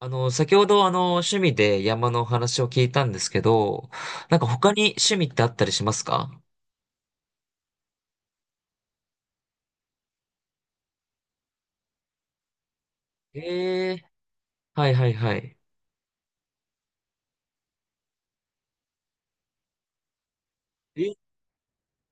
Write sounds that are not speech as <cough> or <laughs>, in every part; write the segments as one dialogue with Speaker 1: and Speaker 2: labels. Speaker 1: 先ほど趣味で山のお話を聞いたんですけど、なんか他に趣味ってあったりしますか？ええー、はいはいはい。え、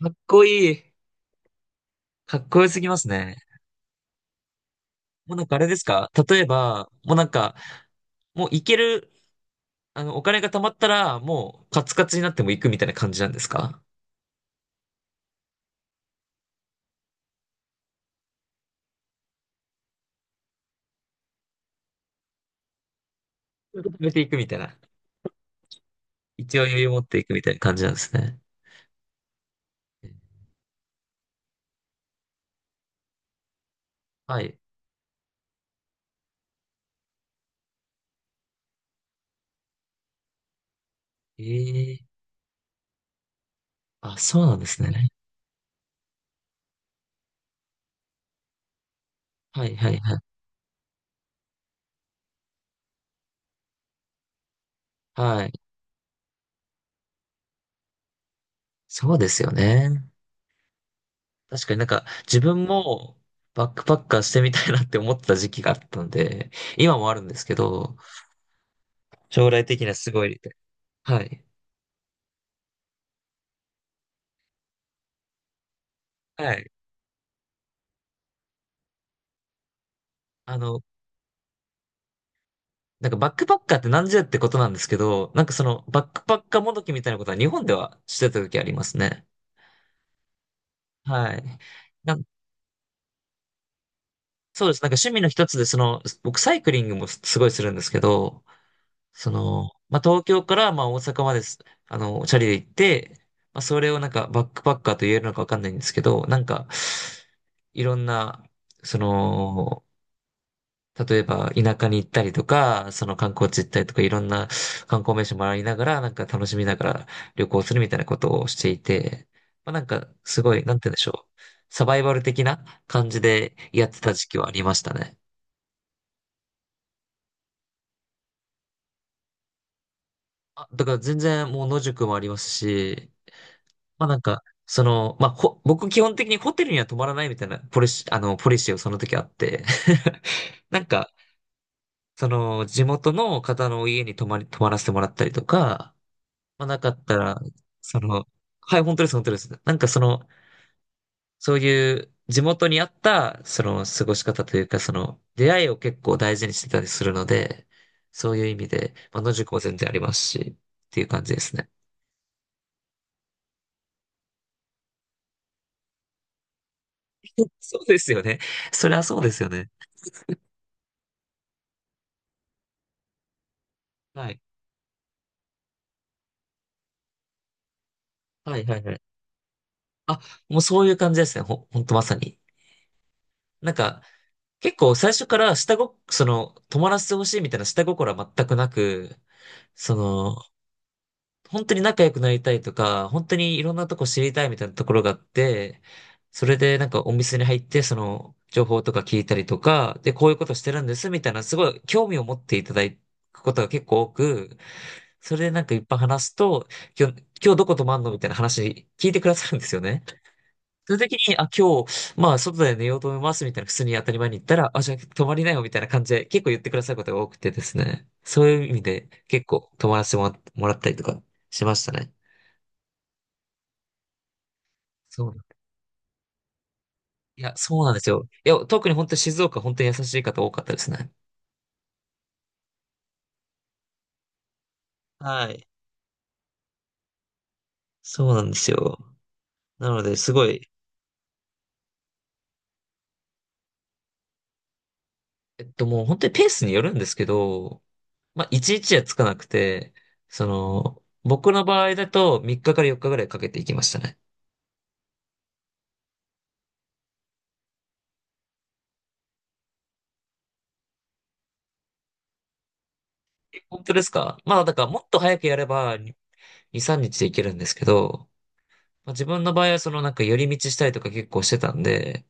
Speaker 1: かっこいい。かっこよすぎますね。もうなんかあれですか？例えば、もうなんか、もう行ける、お金が貯まったら、もうカツカツになっても行くみたいな感じなんですか？受めていくみたいな。一応余裕持っていくみたいな感じなんですね。はい。ええー、あ、そうなんですね。はいはいはい。はい。そうですよね。確かになんか自分もバックパッカーしてみたいなって思ってた時期があったんで、今もあるんですけど、将来的にはすごい、はい。はい。あの、なんかバックパッカーって何じゃってことなんですけど、なんかそのバックパッカーもどきみたいなことは日本ではしてた時ありますね。はい。なん、そうです。なんか趣味の一つで、その、僕サイクリングもごいするんですけど、その、まあ、東京から、まあ、大阪まです、チャリで行って、まあ、それをなんか、バックパッカーと言えるのかわかんないんですけど、なんか、いろんな、その、例えば、田舎に行ったりとか、その観光地行ったりとか、いろんな観光名所回りながら、なんか楽しみながら旅行するみたいなことをしていて、まあ、なんか、すごい、なんて言うんでしょう。サバイバル的な感じでやってた時期はありましたね。あ、だから全然もう野宿もありますし、まあなんか、その、まあほ、僕基本的にホテルには泊まらないみたいなポリシーをその時あって、<laughs> なんか、その、地元の方の家に泊まらせてもらったりとか、まあなかったら、その、はい、本当です、本当です。なんかその、そういう地元に合った、その、過ごし方というか、その、出会いを結構大事にしてたりするので、そういう意味で、まあ、野宿も全然ありますし、っていう感じですね。<laughs> そうですよね。それはそうですよね。はい。はいはいはい。あ、もうそういう感じですね。ほんとまさに。なんか、結構最初からその、泊まらせてほしいみたいな下心は全くなく、その、本当に仲良くなりたいとか、本当にいろんなとこ知りたいみたいなところがあって、それでなんかお店に入って、その、情報とか聞いたりとか、で、こういうことしてるんですみたいな、すごい興味を持っていただくことが結構多く、それでなんかいっぱい話すと、今日、今日どこ泊まんのみたいな話聞いてくださるんですよね。その時に、あ、今日、まあ、外で寝ようと思います、みたいな、普通に当たり前に言ったら、あ、じゃあ、泊まりなよ、みたいな感じで、結構言ってくださることが多くてですね。そういう意味で、結構、泊まらせてもら、もらったりとか、しましたね。そうなん。いや、そうなんですよ。いや、特に本当に静岡、本当に優しい方多かったですね。はい。そうなんですよ。なので、すごい、もう本当にペースによるんですけど、まあ、一日はつかなくて、その、僕の場合だと、3日かから4日ぐらいかけていきましたね。本当ですか？まあ、だからもっと早くやれば2、3日でいけるんですけど、まあ、自分の場合はそのなんか寄り道したりとか結構してたんで、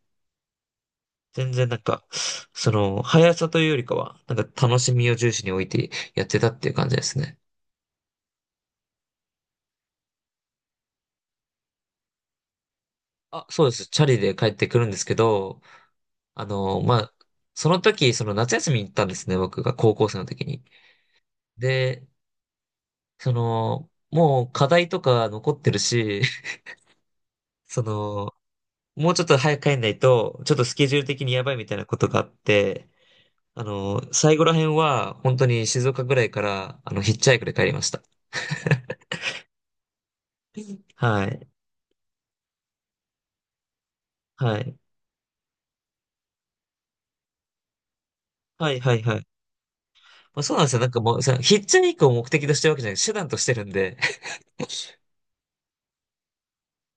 Speaker 1: 全然なんか、その、速さというよりかは、なんか楽しみを重視に置いてやってたっていう感じですね。あ、そうです。チャリで帰ってくるんですけど、あの、まあ、その時、その夏休みに行ったんですね、僕が高校生の時に。で、その、もう課題とか残ってるし、<laughs> その、もうちょっと早く帰んないと、ちょっとスケジュール的にやばいみたいなことがあって、最後ら辺は本当に静岡ぐらいから、ヒッチハイクで帰りました。<laughs> はい。はい。はい、はい、はい。まあ、そうなんですよ。なんかもう、そのヒッチハイクを目的としてるわけじゃなく手段としてるんで、<laughs>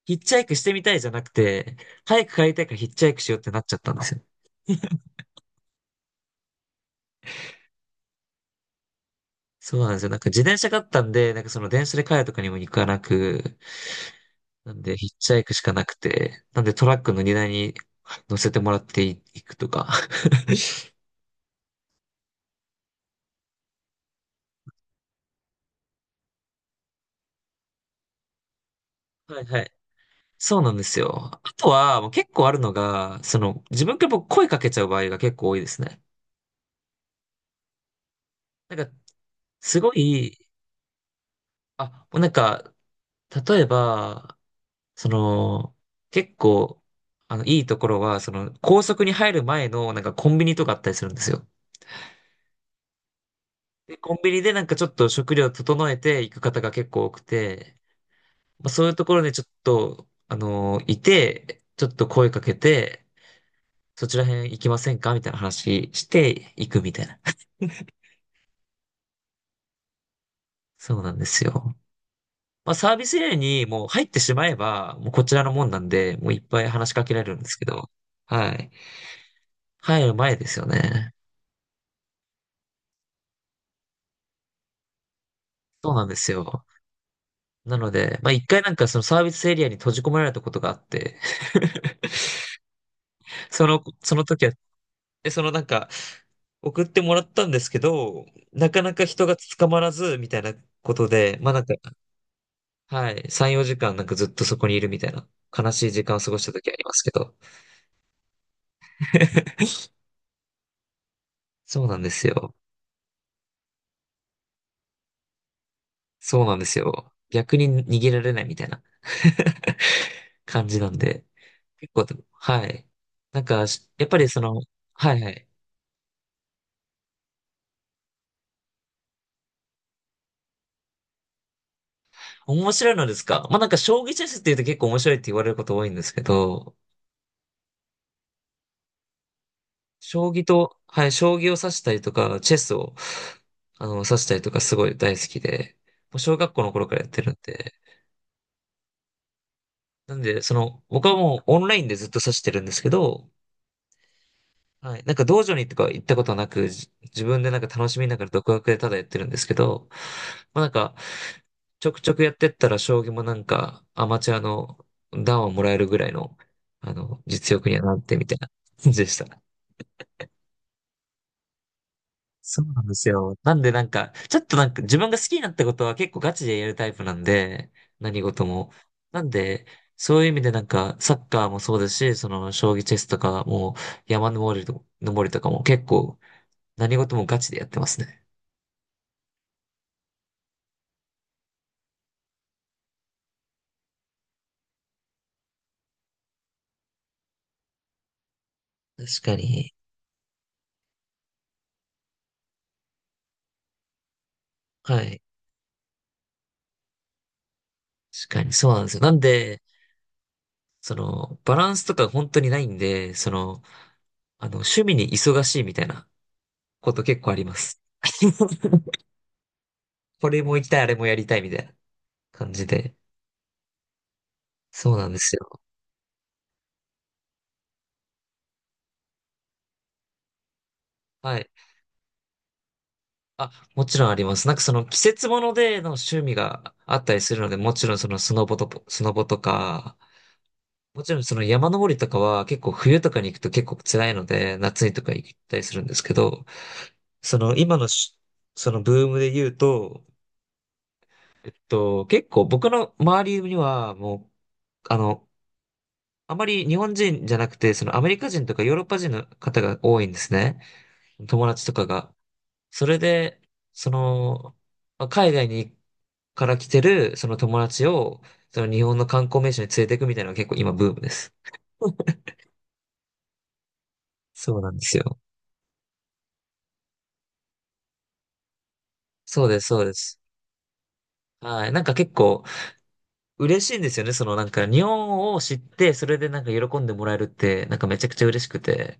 Speaker 1: ヒッチハイクしてみたいじゃなくて、早く帰りたいからヒッチハイクしようってなっちゃったんですよ。そうなんですよ。なんか自転車があったんで、なんかその電車で帰るとかにも行かなく、なんで、ヒッチハイクしかなくて、なんでトラックの荷台に乗せてもらっていいくとか。<laughs> はいはい。そうなんですよ。あとは、もう結構あるのが、その、自分から僕声かけちゃう場合が結構多いですね。なんか、すごい、あ、なんか、例えば、その、結構、いいところは、その、高速に入る前の、なんかコンビニとかあったりするんですよ。で、コンビニでなんかちょっと食料整えていく方が結構多くて、まあ、そういうところでちょっと、いて、ちょっと声かけて、そちら辺行きませんかみたいな話して行くみたいな。<laughs> そうなんですよ。まあ、サービスエリアにもう入ってしまえば、もうこちらのもんなんで、もういっぱい話しかけられるんですけど、はい。入る前ですよね。そうなんですよ。なので、まあ、一回なんかそのサービスエリアに閉じ込められたことがあって、<laughs> その時は、え、そのなんか、送ってもらったんですけど、なかなか人が捕まらず、みたいなことで、まあなんか、はい、3、4時間なんかずっとそこにいるみたいな、悲しい時間を過ごした時ありますけど。<laughs> そうなんですよ。そうなんですよ。逆に逃げられないみたいな <laughs> 感じなんで。結構でも、はい。なんか、やっぱりその、はいはい。面白いのですか？まあなんか将棋チェスって言うと結構面白いって言われること多いんですけど、将棋と、はい、将棋を指したりとか、チェスを、指したりとかすごい大好きで、もう小学校の頃からやってるんで、なんで、その、僕はもうオンラインでずっと指してるんですけど、はい、なんか道場にとか行ったことはなく、自分でなんか楽しみながら独学でただやってるんですけど、まあなんか、ちょくちょくやってったら将棋もなんかアマチュアの段をもらえるぐらいの、実力にはなってみたいな感じでした。そうなんですよ。なんでなんか、ちょっとなんか自分が好きになったことは結構ガチでやるタイプなんで、何事も。なんで、そういう意味でなんか、サッカーもそうですし、その、将棋チェスとかも、山登りと、登りとかも結構、何事もガチでやってますね。確かに。はい。確かに、そうなんですよ。なんで、その、バランスとか本当にないんで、その、趣味に忙しいみたいなこと結構あります。<laughs> これも行きたい、あれもやりたいみたいな感じで。そうなんですよ。はい。あ、もちろんあります。なんかその季節物での趣味があったりするので、もちろんそのスノボとか、もちろんその山登りとかは結構冬とかに行くと結構辛いので、夏にとか行ったりするんですけど、その今のしそのブームで言うと、結構僕の周りにはもう、あの、あまり日本人じゃなくて、そのアメリカ人とかヨーロッパ人の方が多いんですね。友達とかが。それで、その、まあ海外にから来てる、その友達を、その日本の観光名所に連れていくみたいなのが結構今ブームです。<laughs> そうなんですよ。そうです、そうです。はい。なんか結構嬉しいんですよね。そのなんか日本を知って、それでなんか喜んでもらえるって、なんかめちゃくちゃ嬉しくて。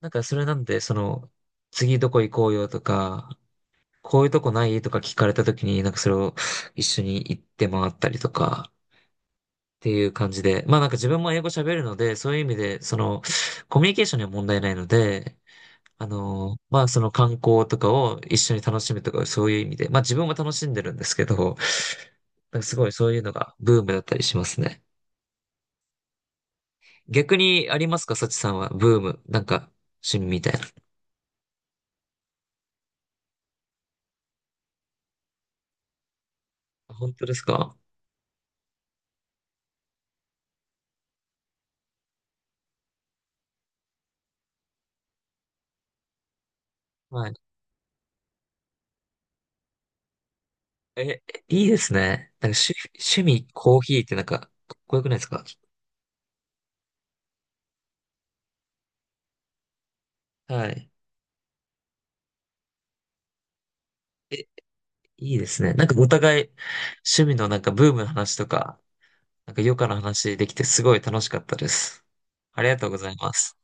Speaker 1: なんかそれなんで、その、次どこ行こうよとか、こういうとこないとか聞かれた時に、なんかそれを一緒に行って回ったりとか、っていう感じで。まあなんか自分も英語喋るので、そういう意味で、その、コミュニケーションには問題ないので、まあ、その観光とかを一緒に楽しむとか、そういう意味で、まあ、自分も楽しんでるんですけど、なんかすごいそういうのがブームだったりしますね。逆にありますか、サチさんは。ブーム。なんか、趣味みたいな。本当ですか？はい。え、いいですね。なんか趣味、コーヒーってなんか、かっこよくないですか？はい。え、いいですね。なんかお互い、趣味のなんかブームの話とか、なんか余暇の話できてすごい楽しかったです。ありがとうございます。